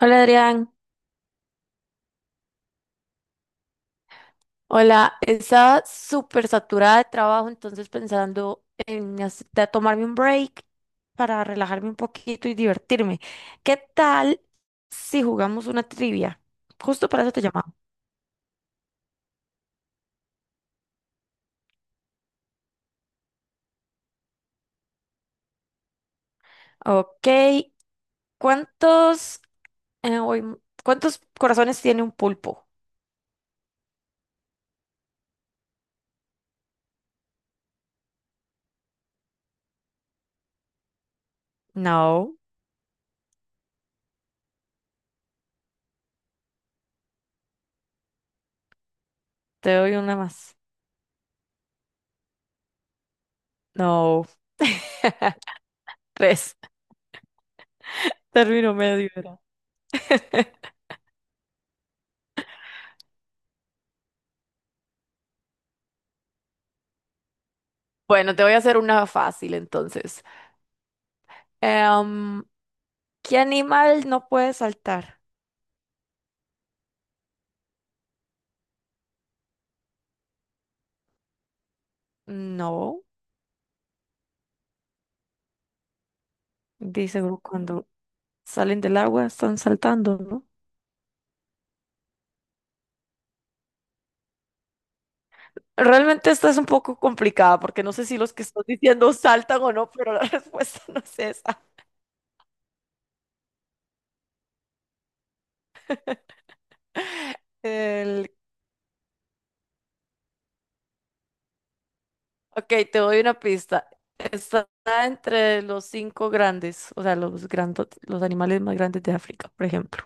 Hola Adrián. Hola, estaba súper saturada de trabajo, entonces pensando en de tomarme un break para relajarme un poquito y divertirme. ¿Qué tal si jugamos una trivia? Justo para eso te llamaba. Ok, ¿cuántos, eh, uy, m- cuántos corazones tiene un pulpo? No, te doy una más. No, tres. Término medio era. Bueno, te voy a hacer una fácil entonces. Em, ¿Qué animal no puede saltar? No, dice Gru cuando salen del agua están saltando, ¿no? Realmente esta es un poco complicada porque no sé si los que están diciendo saltan o no, pero la respuesta no es esa. El... Ok, te doy una pista. Está entre los cinco grandes, o sea, los grandos, los animales más grandes de África, por ejemplo.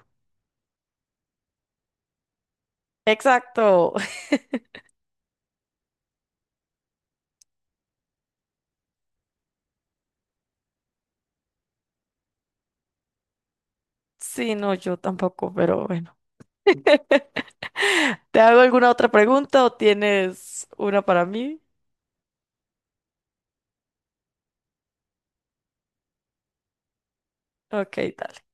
Exacto. Sí, no, yo tampoco, pero bueno. ¿Te hago alguna otra pregunta o tienes una para mí? Ok, dale.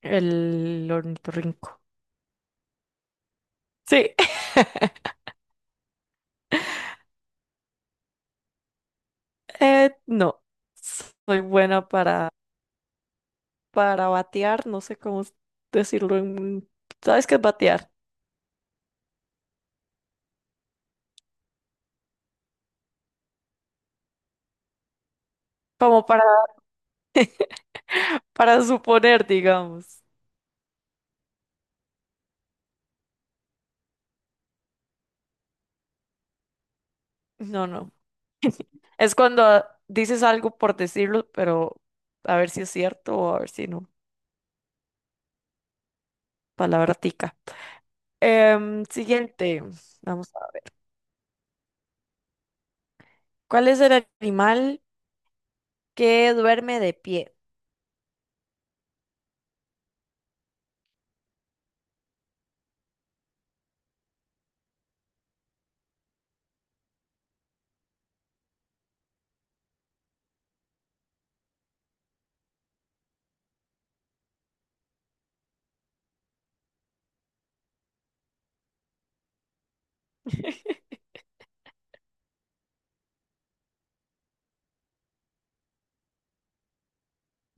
El ornitorrinco. Sí, no. Soy buena para batear, no sé cómo decirlo ¿Sabes qué es batear? Como para, para suponer, digamos. No, no. Es cuando dices algo por decirlo, pero a ver si es cierto o a ver si no. Palabra tica. Siguiente. Vamos a ver. ¿Cuál es el animal que duerme de pie?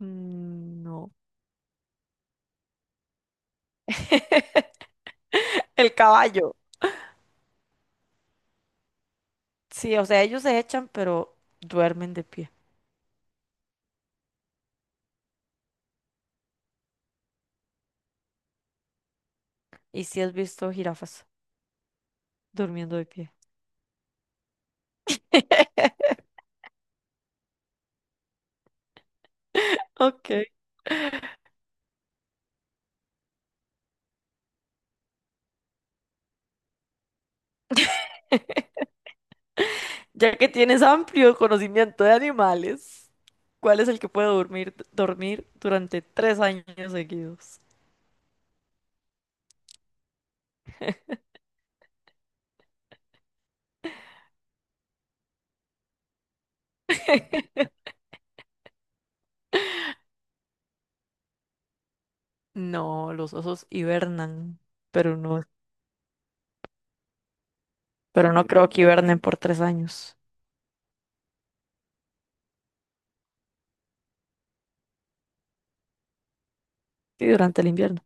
Mm, no. El caballo. Sí, o sea, ellos se echan, pero duermen de pie. Y si has visto jirafas durmiendo de pie. Ok. Ya que tienes amplio conocimiento de animales, ¿cuál es el que puede dormir durante 3 años seguidos? No, los osos hibernan, pero no, pero no creo que hibernen por 3 años. Sí, durante el invierno.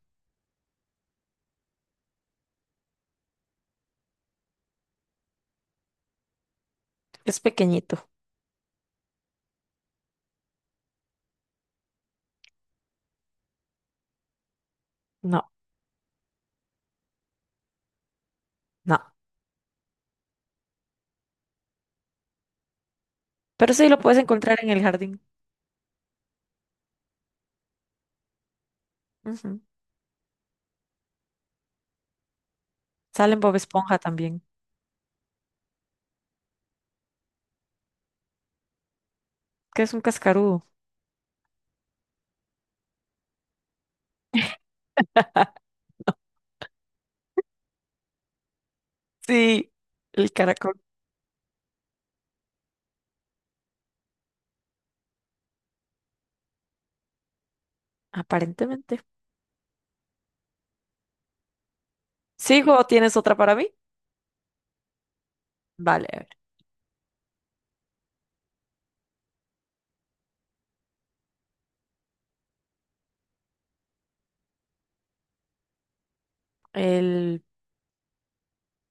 Es pequeñito. No. No, pero sí lo puedes encontrar en el jardín. Ujú. Sale en Bob Esponja también, que es un cascarudo. Sí, el caracol, aparentemente. ¿Sigo o tienes otra para mí? Vale, a ver. El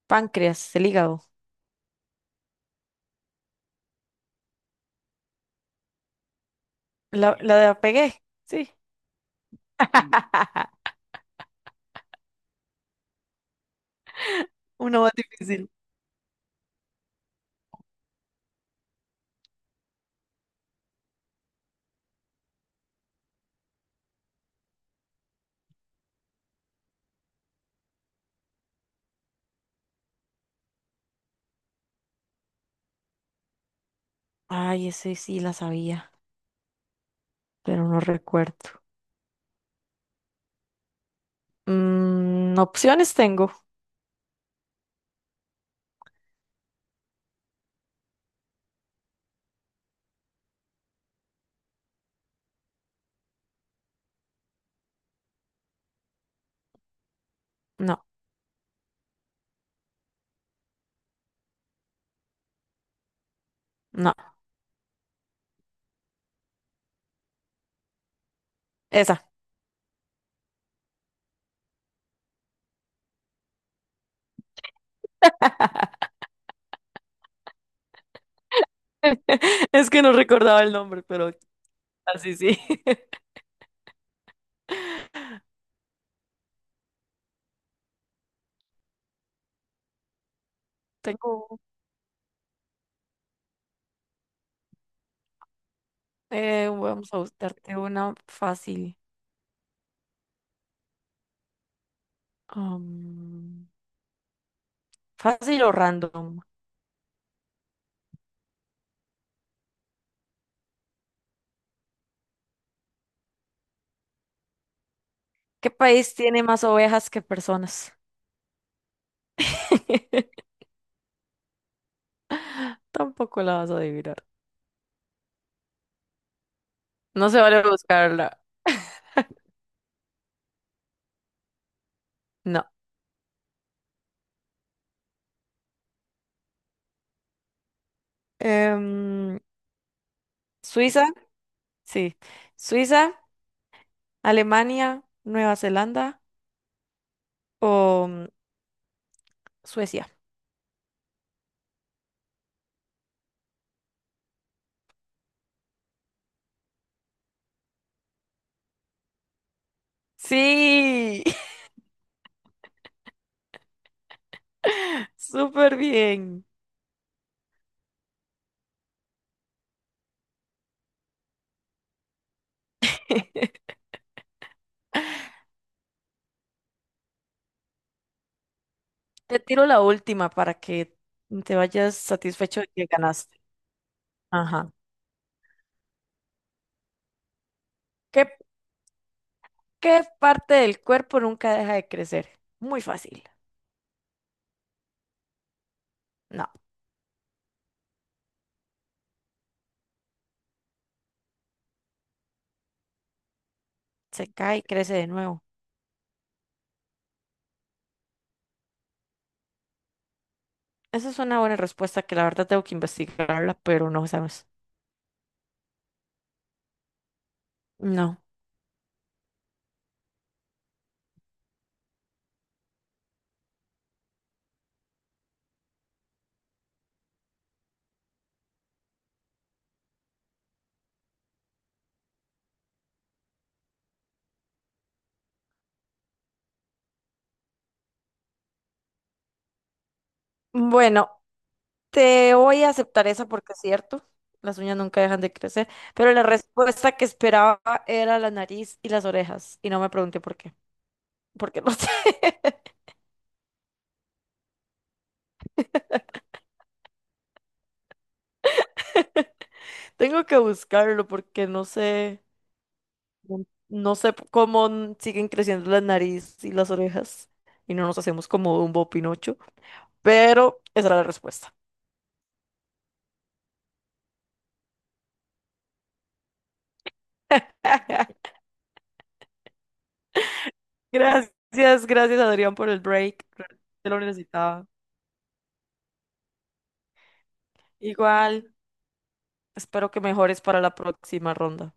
páncreas, el hígado. La de la pegué, sí. Uno más difícil. Ay, ese sí la sabía, pero no recuerdo. Mm, opciones tengo. No, no, esa. Es que no recordaba el nombre, pero así sí. Tengo. Vamos a buscarte una fácil. Am, Fácil o random. ¿Qué país tiene más ovejas que personas? Tampoco la vas a adivinar. No se vale buscarla. No. Em, Suiza, sí. Suiza, Alemania, Nueva Zelanda o Suecia. Sí, súper bien. Te tiro la última para que te vayas satisfecho de que ganaste. Ajá. ¿Qué ¿Qué parte del cuerpo nunca deja de crecer? Muy fácil. No, se cae y crece de nuevo. Esa es una buena respuesta que la verdad tengo que investigarla, pero no sabes. No. Bueno, te voy a aceptar esa porque es cierto. Las uñas nunca dejan de crecer, pero la respuesta que esperaba era la nariz y las orejas, y no me pregunté por qué, porque no sé. Tengo que buscarlo porque no sé. No, no sé cómo siguen creciendo la nariz y las orejas y no nos hacemos como Dumbo o Pinocho, pero esa era la respuesta. Gracias, gracias Adrián por el break. Te lo necesitaba. Igual, espero que mejores para la próxima ronda.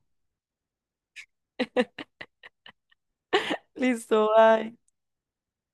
Listo, bye.